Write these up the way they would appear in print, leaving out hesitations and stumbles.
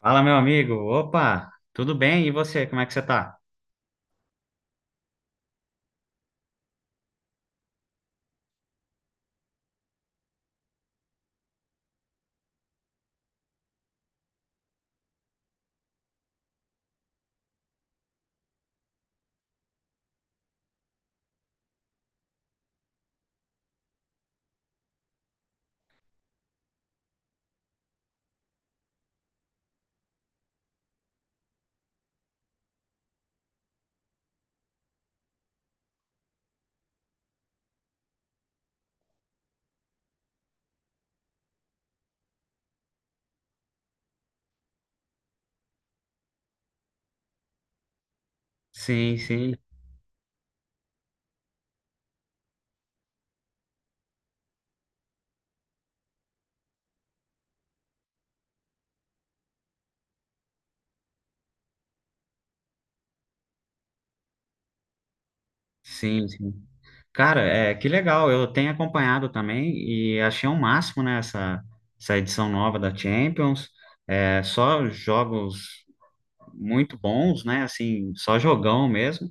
Fala, meu amigo. Opa, tudo bem? E você, como é que você tá? Sim, sim, sim, sim. Cara, que legal. Eu tenho acompanhado também e achei um máximo, né, essa edição nova da Champions. Só jogos muito bons, né? Assim, só jogão mesmo.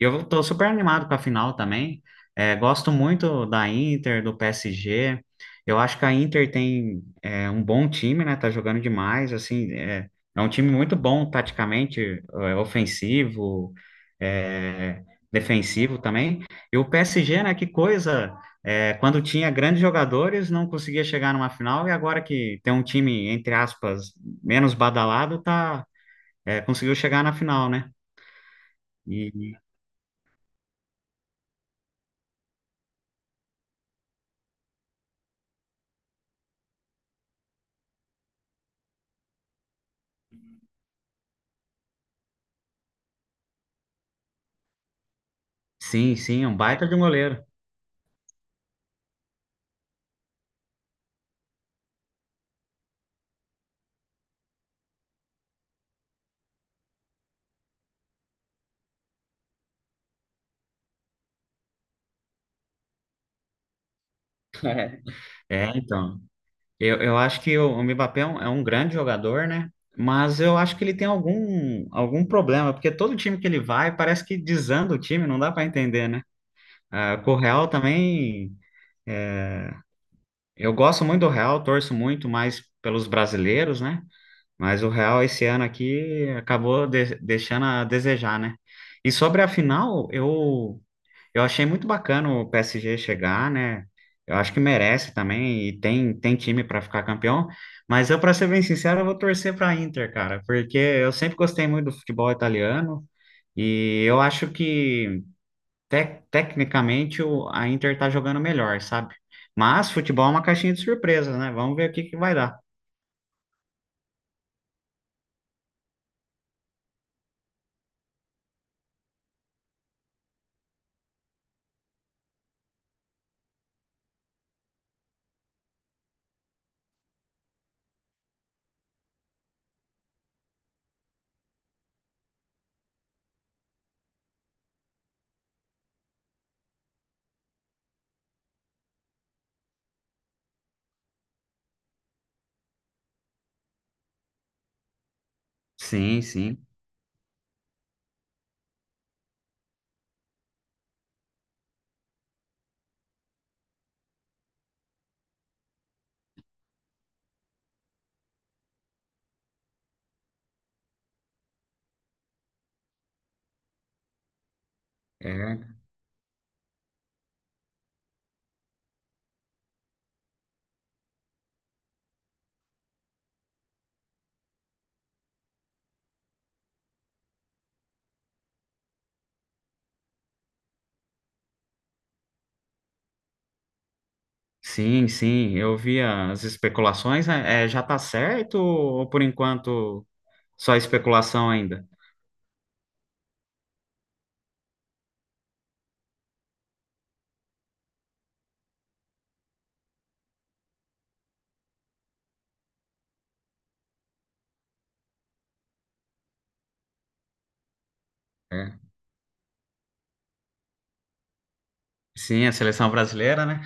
E eu tô super animado com a final também. Gosto muito da Inter, do PSG. Eu acho que a Inter tem um bom time, né? Tá jogando demais, assim, é um time muito bom taticamente, ofensivo, é, defensivo também. E o PSG, né? Que coisa! É, quando tinha grandes jogadores, não conseguia chegar numa final, e agora que tem um time, entre aspas, menos badalado, tá, conseguiu chegar na final, né? E sim, sim, é um baita de um goleiro. É, então. Eu acho que o Mbappé é é um grande jogador, né? Mas eu acho que ele tem algum problema, porque todo time que ele vai parece que desanda o time, não dá para entender, né? Ah, com o Real também. Eu gosto muito do Real, torço muito mais pelos brasileiros, né? Mas o Real esse ano aqui acabou deixando a desejar, né? E sobre a final, Eu achei muito bacana o PSG chegar, né? Eu acho que merece também e tem time para ficar campeão. Mas eu, para ser bem sincero, eu vou torcer para Inter, cara, porque eu sempre gostei muito do futebol italiano e eu acho que tecnicamente a Inter tá jogando melhor, sabe? Mas futebol é uma caixinha de surpresas, né? Vamos ver o que que vai dar. Sim, sim. É. Sim, sim. Eu vi as especulações, né? É, já tá certo ou por enquanto só especulação ainda? Sim, a seleção brasileira, né?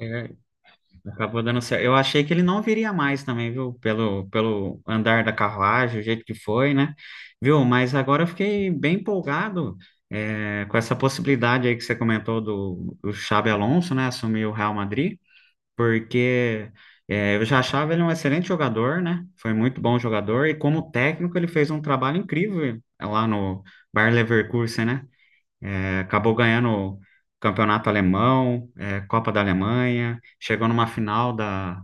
É, acabou dando certo. Eu achei que ele não viria mais também, viu? Pelo, pelo andar da carruagem, o jeito que foi, né? Viu? Mas agora eu fiquei bem empolgado, é, com essa possibilidade aí que você comentou do, do Xabi Alonso, né? Assumir o Real Madrid, porque eu já achava ele um excelente jogador, né? Foi muito bom jogador, e como técnico ele fez um trabalho incrível lá no Bayer Leverkusen, né? É, acabou ganhando o campeonato alemão, Copa da Alemanha, chegou numa final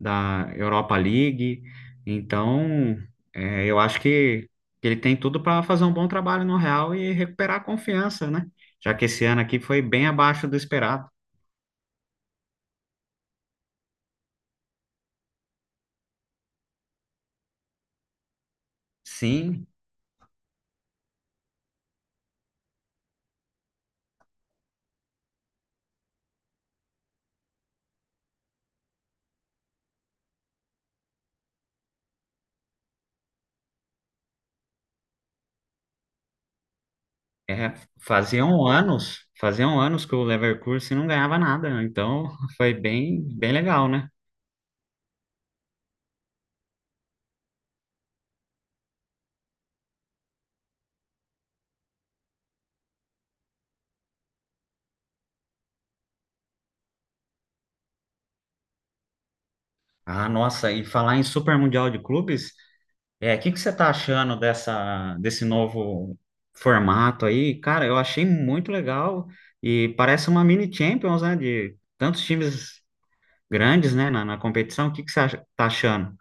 da Europa League. Então, eu acho que ele tem tudo para fazer um bom trabalho no Real e recuperar a confiança, né? Já que esse ano aqui foi bem abaixo do esperado. Sim, é, faziam anos que o Leverkusen não ganhava nada, né? Então foi bem, bem legal, né? Ah, nossa, e falar em Super Mundial de Clubes. É, o que que você tá achando desse novo formato aí? Cara, eu achei muito legal e parece uma mini Champions, né? De tantos times grandes, né, na competição. O que que você tá achando?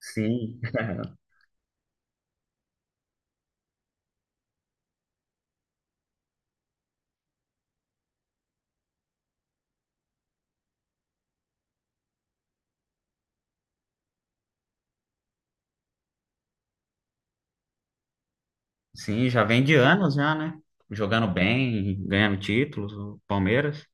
Sim. Sim, já vem de anos já, né? Jogando bem, ganhando títulos, o Palmeiras.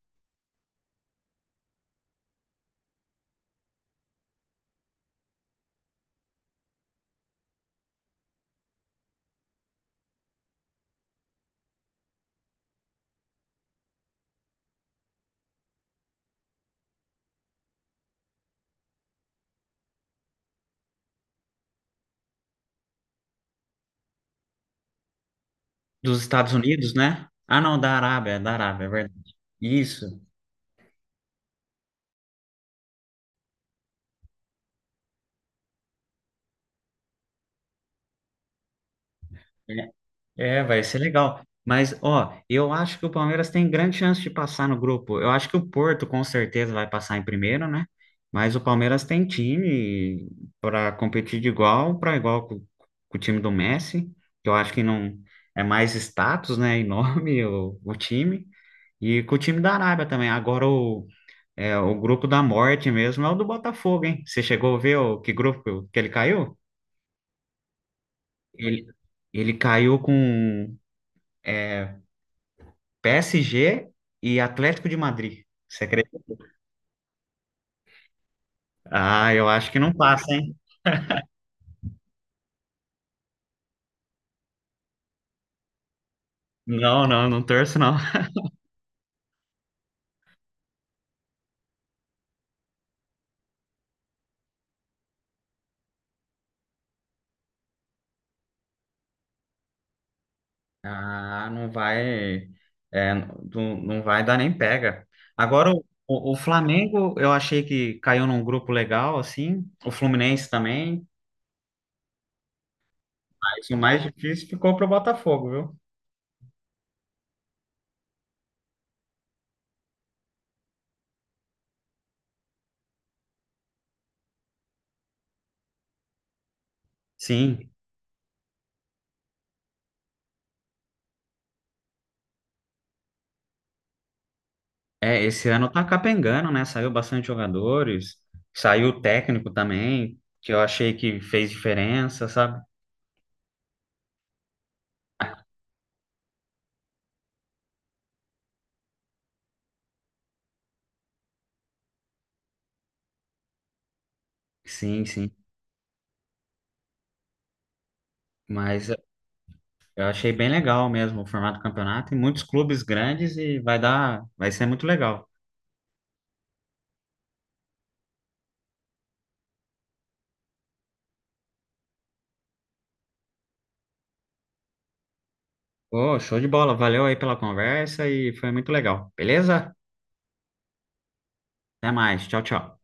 Dos Estados Unidos, né? Ah, não, da Arábia, é verdade. Isso. É. É, vai ser legal. Mas, ó, eu acho que o Palmeiras tem grande chance de passar no grupo. Eu acho que o Porto com certeza vai passar em primeiro, né? Mas o Palmeiras tem time para competir de igual para igual com o time do Messi, que eu acho que não é mais status, né? E nome o time. E com o time da Arábia também. Agora é, o grupo da morte mesmo é o do Botafogo, hein? Você chegou a ver o, que grupo que ele caiu? Ele, ele caiu com. É, PSG e Atlético de Madrid. Você acredita? Ah, eu acho que não passa, hein? Não, não, não torço, não. Ah, não vai, é, não, não vai dar nem pega. Agora, o Flamengo, eu achei que caiu num grupo legal, assim. O Fluminense também. Mas o mais difícil ficou pro Botafogo, viu? Sim. É, esse ano tá capengando, né? Saiu bastante jogadores. Saiu o técnico também, que eu achei que fez diferença, sabe? Sim, sim. Mas eu achei bem legal mesmo o formato do campeonato e muitos clubes grandes e vai dar, vai ser muito legal. Ô, show de bola. Valeu aí pela conversa e foi muito legal. Beleza? Até mais. Tchau, tchau.